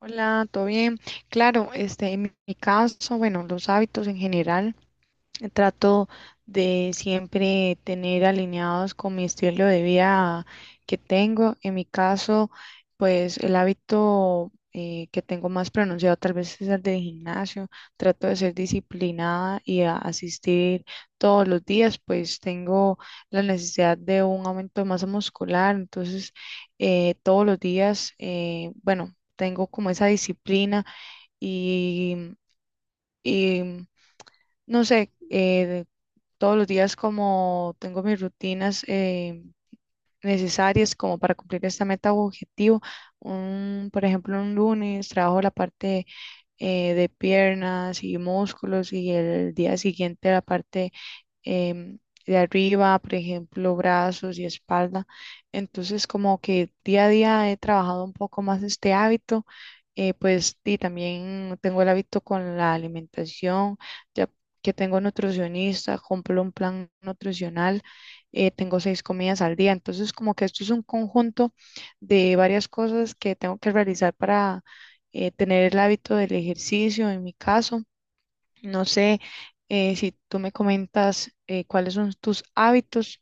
Hola, ¿todo bien? Claro, en mi caso, bueno, los hábitos en general. Trato de siempre tener alineados con mi estilo de vida que tengo. En mi caso, pues el hábito que tengo más pronunciado tal vez es el del gimnasio. Trato de ser disciplinada y asistir todos los días, pues tengo la necesidad de un aumento de masa muscular. Entonces, todos los días, bueno, tengo como esa disciplina y... y no sé, todos los días como tengo mis rutinas necesarias como para cumplir esta meta u objetivo. Por ejemplo, un lunes trabajo la parte de piernas y músculos y el día siguiente la parte em, de arriba, por ejemplo, brazos y espalda. Entonces, como que día a día he trabajado un poco más este hábito. Pues y también tengo el hábito con la alimentación, ya que tengo nutricionista, compro un plan nutricional, tengo 6 comidas al día. Entonces, como que esto es un conjunto de varias cosas que tengo que realizar para tener el hábito del ejercicio en mi caso, no sé, si tú me comentas cuáles son tus hábitos.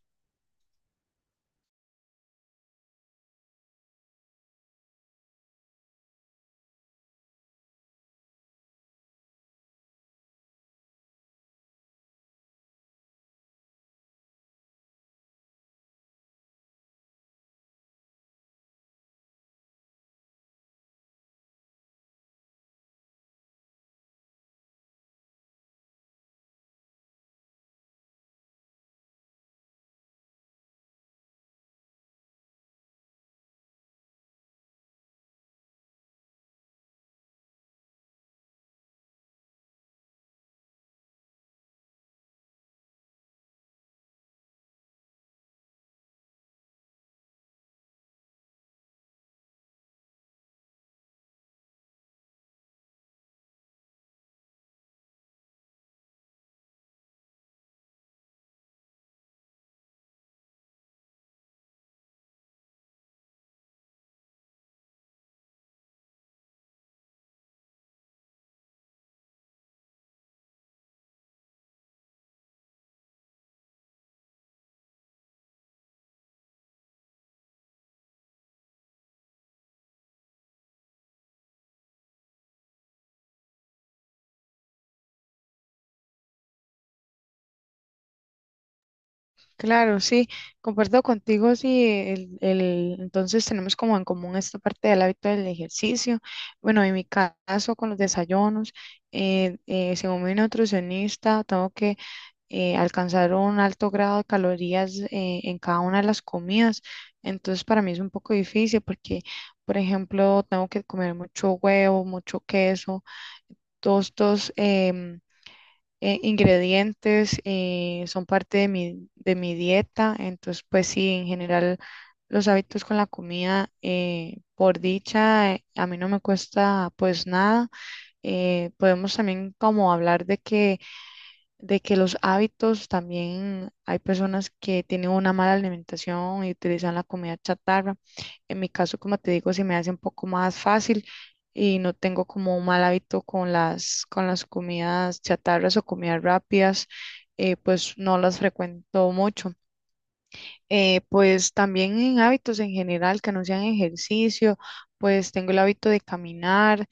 Claro, sí, comparto contigo, sí, entonces tenemos como en común esta parte del hábito del ejercicio. Bueno, en mi caso con los desayunos, según mi nutricionista, tengo que alcanzar un alto grado de calorías en cada una de las comidas. Entonces para mí es un poco difícil porque, por ejemplo, tengo que comer mucho huevo, mucho queso, tostos ingredientes, son parte de mi dieta, entonces pues sí, en general los hábitos con la comida, por dicha, a mí no me cuesta pues nada. Podemos también como hablar de que los hábitos también hay personas que tienen una mala alimentación y utilizan la comida chatarra. En mi caso, como te digo, se me hace un poco más fácil y no tengo como un mal hábito con las comidas chatarras o comidas rápidas, pues no las frecuento mucho. Pues también en hábitos en general que no sean ejercicio, pues tengo el hábito de caminar,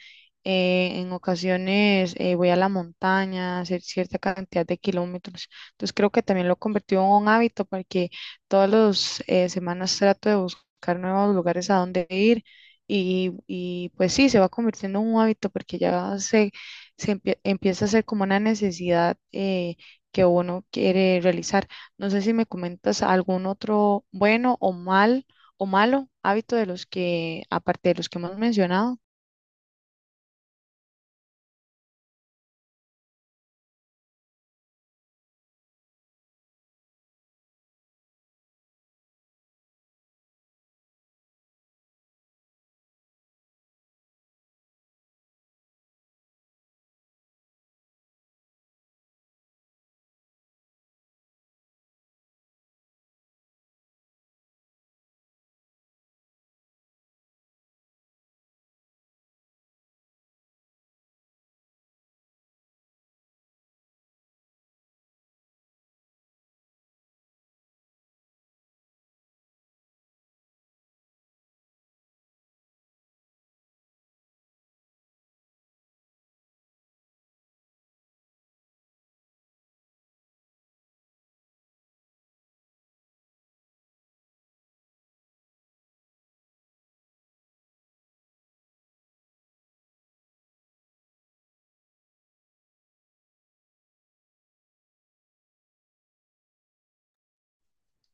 en ocasiones voy a la montaña a hacer cierta cantidad de kilómetros. Entonces creo que también lo he convertido en un hábito porque todas las semanas trato de buscar nuevos lugares a donde ir y pues sí, se va convirtiendo en un hábito porque empieza a ser como una necesidad que uno quiere realizar. No sé si me comentas algún otro bueno o malo hábito de los que, aparte de los que hemos mencionado.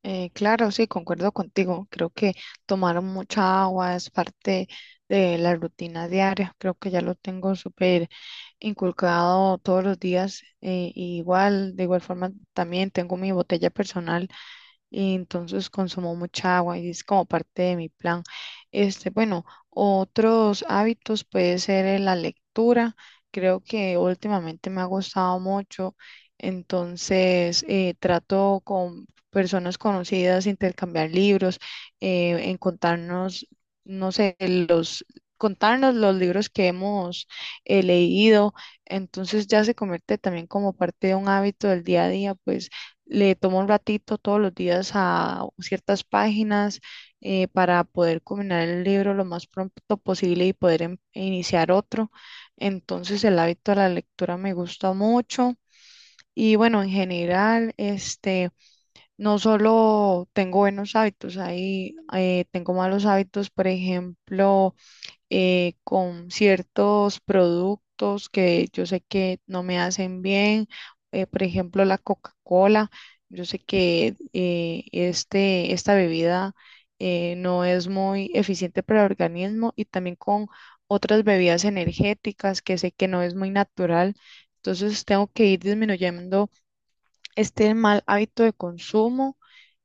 Claro, sí, concuerdo contigo. Creo que tomar mucha agua es parte de la rutina diaria. Creo que ya lo tengo súper inculcado todos los días. Eh, y igual, de igual forma, también tengo mi botella personal y entonces consumo mucha agua y es como parte de mi plan. Este, bueno, otros hábitos puede ser la lectura. Creo que últimamente me ha gustado mucho, entonces trato con personas conocidas, intercambiar libros, en contarnos, no sé, los, contarnos los libros que hemos leído. Entonces ya se convierte también como parte de un hábito del día a día, pues le tomo un ratito todos los días a ciertas páginas para poder culminar el libro lo más pronto posible y poder iniciar otro. Entonces el hábito de la lectura me gusta mucho. Y bueno, en general, este, no solo tengo buenos hábitos, ahí tengo malos hábitos, por ejemplo, con ciertos productos que yo sé que no me hacen bien, por ejemplo la Coca-Cola, yo sé que esta bebida no es muy eficiente para el organismo y también con otras bebidas energéticas que sé que no es muy natural. Entonces tengo que ir disminuyendo este mal hábito de consumo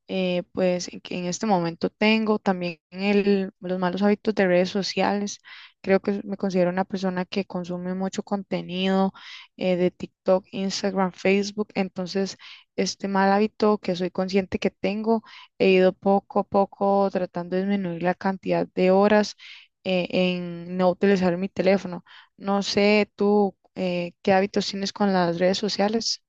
pues en que en este momento tengo también los malos hábitos de redes sociales. Creo que me considero una persona que consume mucho contenido de TikTok, Instagram, Facebook. Entonces, este mal hábito que soy consciente que tengo, he ido poco a poco tratando de disminuir la cantidad de horas en no utilizar mi teléfono. No sé tú qué hábitos tienes con las redes sociales.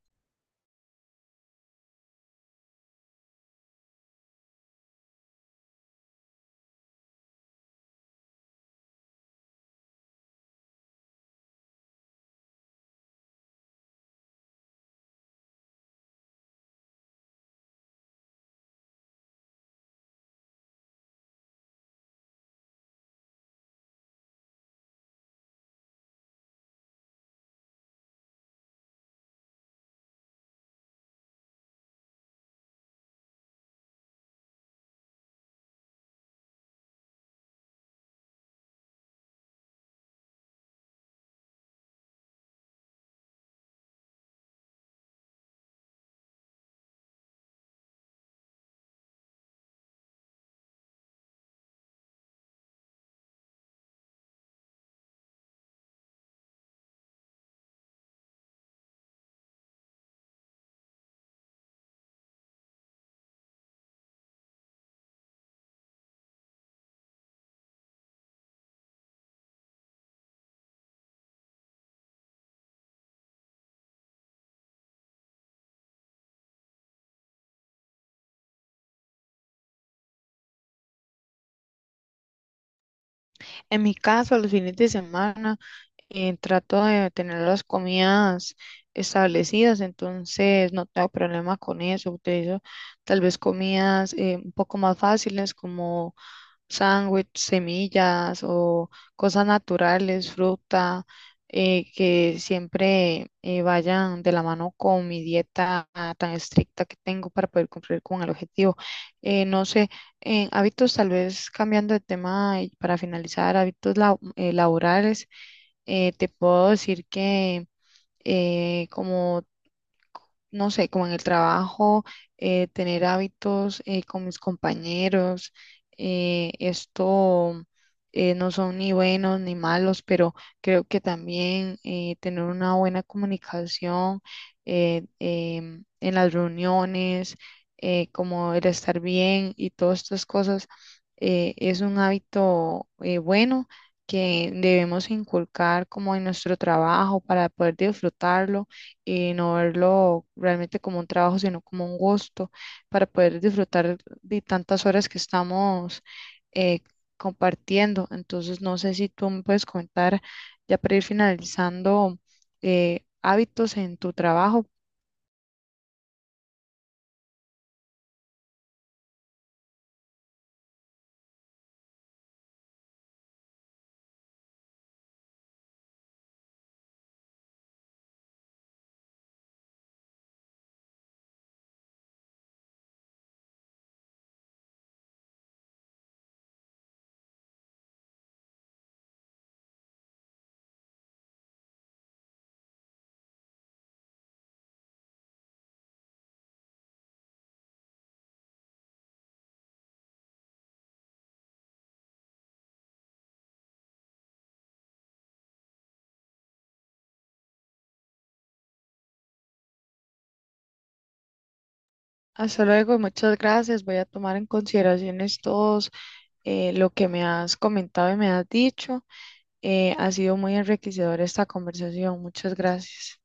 En mi caso, los fines de semana. Eh, trato de tener las comidas establecidas, entonces no tengo problema con eso. Utilizo tal vez comidas un poco más fáciles como sándwich, semillas o cosas naturales, fruta, que siempre vayan de la mano con mi dieta ah, tan estricta que tengo para poder cumplir con el objetivo. No sé, en hábitos tal vez cambiando de tema y para finalizar, hábitos laborales te puedo decir que como no sé, como en el trabajo, tener hábitos con mis compañeros, esto no son ni buenos ni malos, pero creo que también tener una buena comunicación eh, en las reuniones, como el estar bien y todas estas cosas, es un hábito bueno, que debemos inculcar como en nuestro trabajo para poder disfrutarlo y no verlo realmente como un trabajo, sino como un gusto para poder disfrutar de tantas horas que estamos eh, compartiendo. Entonces, no sé si tú me puedes comentar, ya para ir finalizando, hábitos en tu trabajo. Hasta luego, muchas gracias. Voy a tomar en consideración todos lo que me has comentado y me has dicho. Ha sido muy enriquecedora esta conversación. Muchas gracias.